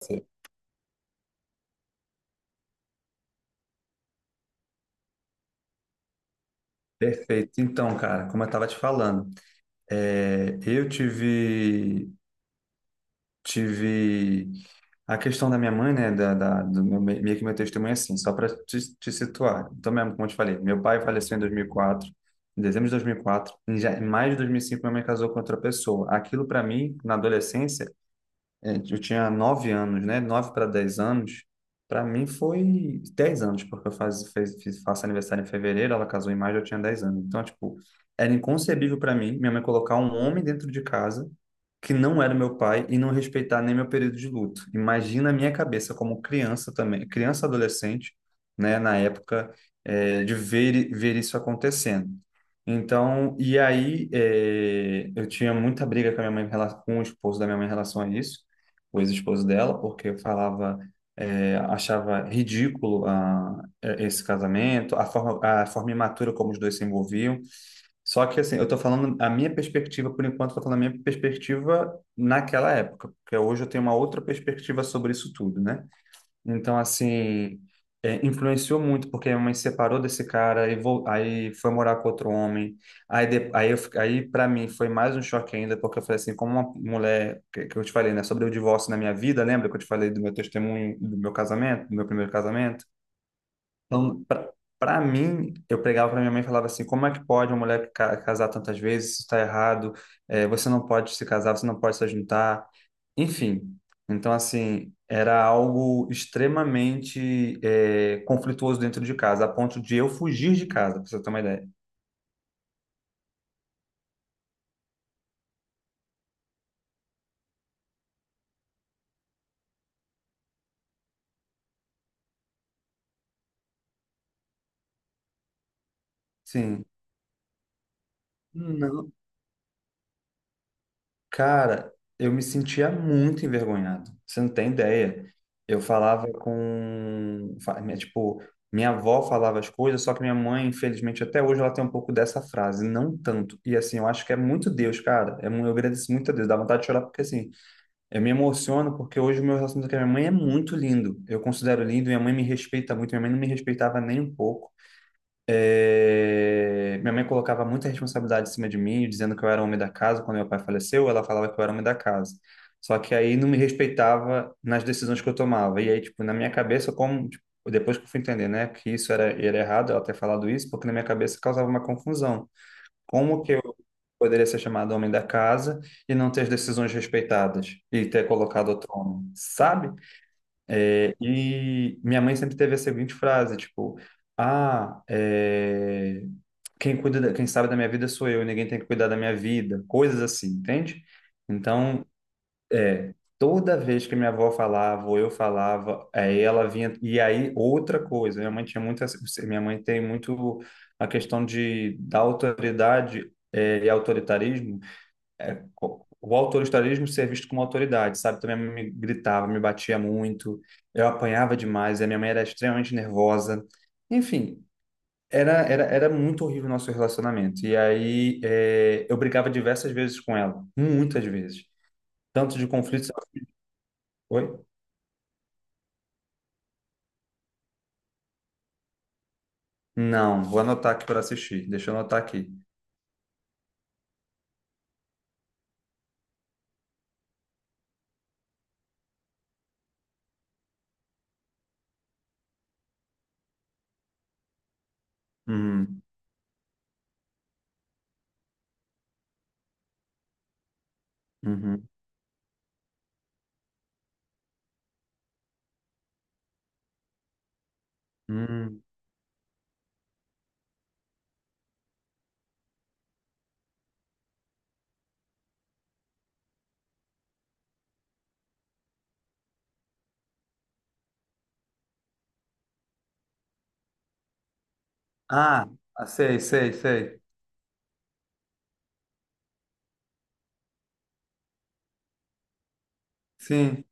Sim. Perfeito. Então, cara, como eu estava te falando, eu tive a questão da minha mãe, né, do meu, meio que meu testemunho é assim, só para te situar. Então, mesmo, como eu te falei, meu pai faleceu em 2004, em dezembro de 2004, em maio de 2005, minha mãe casou com outra pessoa. Aquilo para mim, na adolescência, eu tinha 9 anos, né? 9 para 10 anos. Para mim foi 10 anos, porque eu faço aniversário em fevereiro, ela casou em maio, eu tinha 10 anos. Então, tipo, era inconcebível para mim minha mãe colocar um homem dentro de casa que não era meu pai e não respeitar nem meu período de luto. Imagina a minha cabeça como criança também, criança adolescente, né? Na época, de ver isso acontecendo. Então, e aí, eu tinha muita briga com a minha mãe, com o esposo da minha mãe em relação a isso, o ex-esposo dela, porque falava, achava ridículo, esse casamento, a forma imatura como os dois se envolviam. Só que, assim, eu tô falando a minha perspectiva, por enquanto, eu tô falando a minha perspectiva naquela época, porque hoje eu tenho uma outra perspectiva sobre isso tudo, né? Então, assim, influenciou muito, porque minha mãe se separou desse cara, aí, aí foi morar com outro homem. Aí, de- aí, eu fi- aí para mim, foi mais um choque ainda, porque eu falei assim, como uma mulher, que eu te falei, né, sobre o divórcio na minha vida, lembra que eu te falei do meu testemunho, do meu casamento, do meu primeiro casamento? Então, pra mim, eu pregava pra minha mãe e falava assim, como é que pode uma mulher casar tantas vezes? Isso tá errado, você não pode se casar, você não pode se juntar. Enfim, então assim, era algo extremamente conflituoso dentro de casa, a ponto de eu fugir de casa, pra você ter uma ideia. Sim. Não, cara, eu me sentia muito envergonhado. Você não tem ideia. Eu falava com, fa- minha- tipo, minha avó falava as coisas, só que minha mãe, infelizmente, até hoje ela tem um pouco dessa frase, não tanto. E assim, eu acho que é muito Deus, cara. Eu agradeço muito a Deus, dá vontade de chorar, porque assim, eu me emociono, porque hoje o meu relacionamento com a minha mãe é muito lindo. Eu considero lindo, minha mãe me respeita muito, minha mãe não me respeitava nem um pouco. Minha mãe colocava muita responsabilidade em cima de mim, dizendo que eu era o homem da casa. Quando meu pai faleceu, ela falava que eu era o homem da casa. Só que aí não me respeitava nas decisões que eu tomava. E aí, tipo, na minha cabeça, como, tipo, depois que eu fui entender, né, que isso era errado, ela ter falado isso, porque na minha cabeça causava uma confusão. Como que eu poderia ser chamado homem da casa e não ter as decisões respeitadas e ter colocado outro homem, sabe? E minha mãe sempre teve a seguinte frase, tipo, ah, é, quem sabe da minha vida sou eu, e ninguém tem que cuidar da minha vida, coisas assim, entende? Então, é, toda vez que minha avó falava, ou eu falava, aí ela vinha. E aí, outra coisa, minha mãe tem muito a questão da autoridade, e autoritarismo. O autoritarismo ser visto como autoridade, sabe? Também me gritava, me batia muito, eu apanhava demais, e a minha mãe era extremamente nervosa. Enfim, era muito horrível o nosso relacionamento. E aí, eu brigava diversas vezes com ela, muitas vezes. Tanto de conflitos. Oi? Não, vou anotar aqui para assistir. Deixa eu anotar aqui. Uhum, uhum, uhum. Ah, ah, sei, sei, sei. Sim.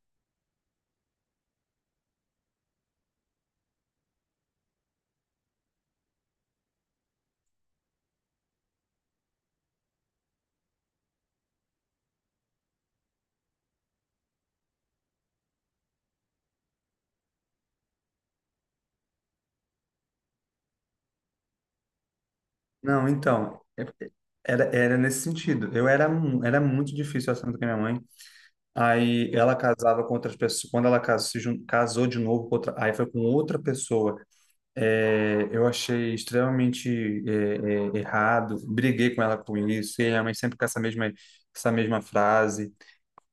Não, então, era nesse sentido. Eu era muito difícil, o assunto com a minha mãe. Aí ela casava com outras pessoas. Quando ela casou, se jun- casou de novo com outra, aí foi com outra pessoa. Eu achei extremamente errado. Briguei com ela com isso. E a minha mãe sempre com essa mesma frase.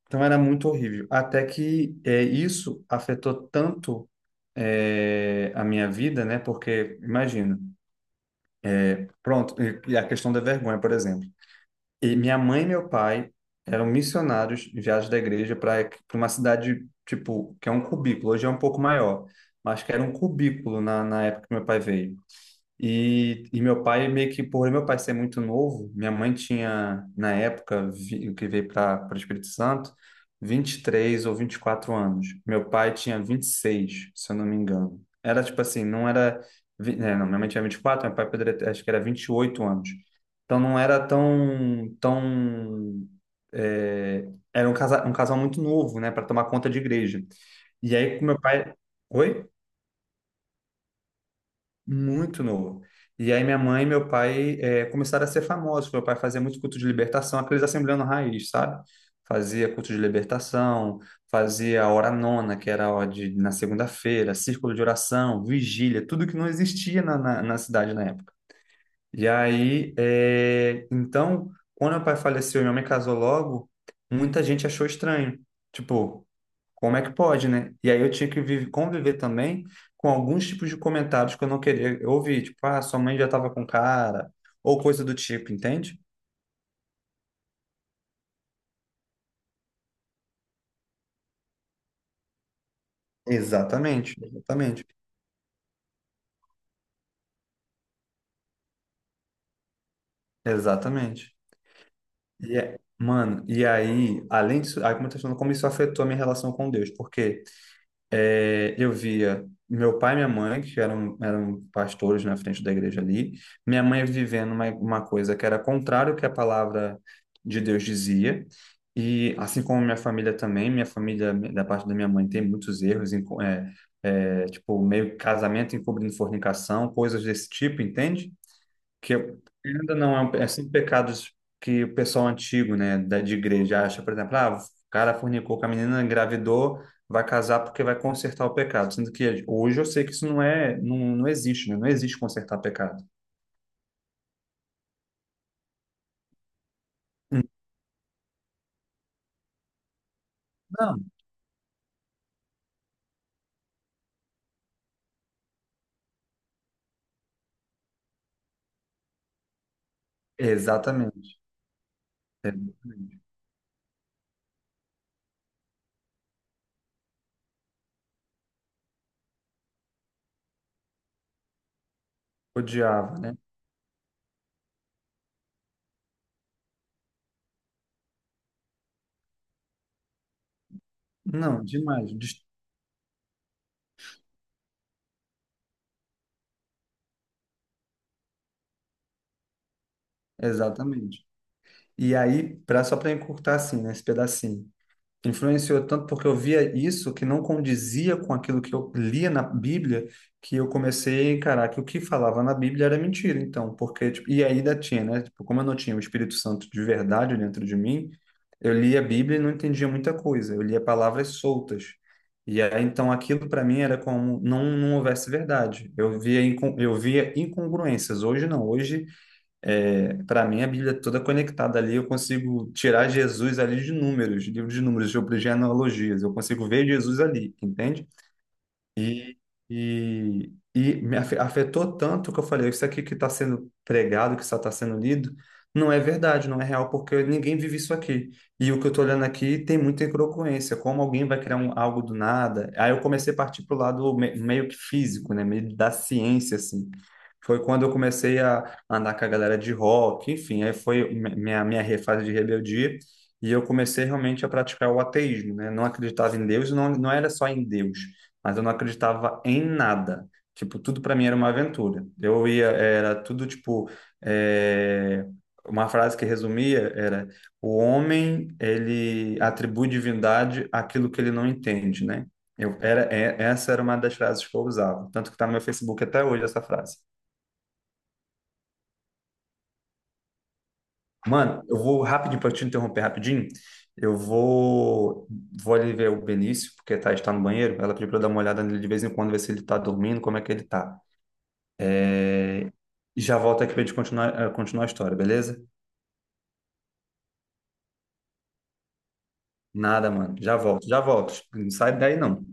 Então era muito horrível. Até que isso afetou tanto a minha vida, né? Porque, imagina, pronto, e a questão da vergonha, por exemplo. E minha mãe e meu pai eram missionários de viagem da igreja para uma cidade, tipo, que é um cubículo, hoje é um pouco maior, mas que era um cubículo na época que meu pai veio. E meu pai meio que, por meu pai ser muito novo, minha mãe tinha, na época, que veio para o Espírito Santo, 23 ou 24 anos. Meu pai tinha 26, se eu não me engano. Era tipo assim, não era. Não, minha mãe tinha 24, meu pai poderia ter, acho que era 28 anos. Então não era tão, tão é, era um casal, muito novo, né, para tomar conta de igreja. E aí, com meu pai. Oi? Muito novo. E aí minha mãe e meu pai começaram a ser famosos. Meu pai fazia muito culto de libertação, aqueles assembleando raiz, sabe? Fazia culto de libertação, fazia a hora nona, que era a hora de, na segunda-feira, círculo de oração, vigília, tudo que não existia na cidade na época. E aí, então, quando meu pai faleceu e minha mãe casou logo, muita gente achou estranho. Tipo, como é que pode, né? E aí eu tinha que conviver também com alguns tipos de comentários que eu não queria ouvir, tipo, ah, sua mãe já estava com cara, ou coisa do tipo, entende? Exatamente, exatamente, exatamente. Mano, e aí, além disso, aí como eu tô falando, como isso afetou a minha relação com Deus, porque eu via meu pai e minha mãe, que eram pastores na frente da igreja ali, minha mãe vivendo uma coisa que era contrário ao que a palavra de Deus dizia, e assim como minha família também, minha família, da parte da minha mãe, tem muitos erros, tipo, meio casamento encobrindo fornicação, coisas desse tipo, entende? Que eu- ainda não é, um, É sempre pecados que o pessoal antigo, né, de igreja acha, por exemplo, ah, o cara fornicou com a menina, engravidou, vai casar porque vai consertar o pecado, sendo que hoje eu sei que isso não existe, né? Não existe consertar pecado. Hum, Não, exatamente. Exatamente. Odiava, né? Não, demais. Exatamente. E aí, só para encurtar assim, né, esse pedacinho. Influenciou tanto porque eu via isso que não condizia com aquilo que eu lia na Bíblia, que eu comecei a encarar que o que falava na Bíblia era mentira. Então, porque, tipo, e ainda tinha, né? Tipo, como eu não tinha o Espírito Santo de verdade dentro de mim, eu lia a Bíblia e não entendia muita coisa. Eu lia palavras soltas. E aí, então, aquilo para mim era como não houvesse verdade. Eu via incongruências. Hoje não. Hoje, é, para mim, a Bíblia é toda conectada ali. Eu consigo tirar Jesus ali de números, de livro de números, sobre genealogias. Eu consigo ver Jesus ali, entende? E, e me afetou tanto que eu falei, isso aqui que está sendo pregado, que só está sendo lido, não é verdade, não é real, porque ninguém vive isso aqui. E o que eu estou olhando aqui tem muita incongruência, como alguém vai criar algo do nada. Aí eu comecei a partir para o lado meio que físico, né, meio da ciência, assim. Foi quando eu comecei a andar com a galera de rock, enfim, aí foi minha fase de rebeldia, e eu comecei realmente a praticar o ateísmo, né? Não acreditava em Deus, não, era só em Deus, mas eu não acreditava em nada. Tipo, tudo para mim era uma aventura. Eu ia, era tudo tipo. é, Uma frase que resumia era: o homem, ele atribui divindade àquilo que ele não entende, né? Essa era uma das frases que eu usava. Tanto que tá no meu Facebook até hoje essa frase. Mano, eu vou rapidinho para te interromper rapidinho. Eu vou ali ver o Benício, porque está no banheiro. Ela pediu para eu dar uma olhada nele de vez em quando, ver se ele tá dormindo, como é que ele tá. É, E já volto aqui pra gente continuar a história, beleza? Nada, mano. Já volto, já volto. Não sai daí, não.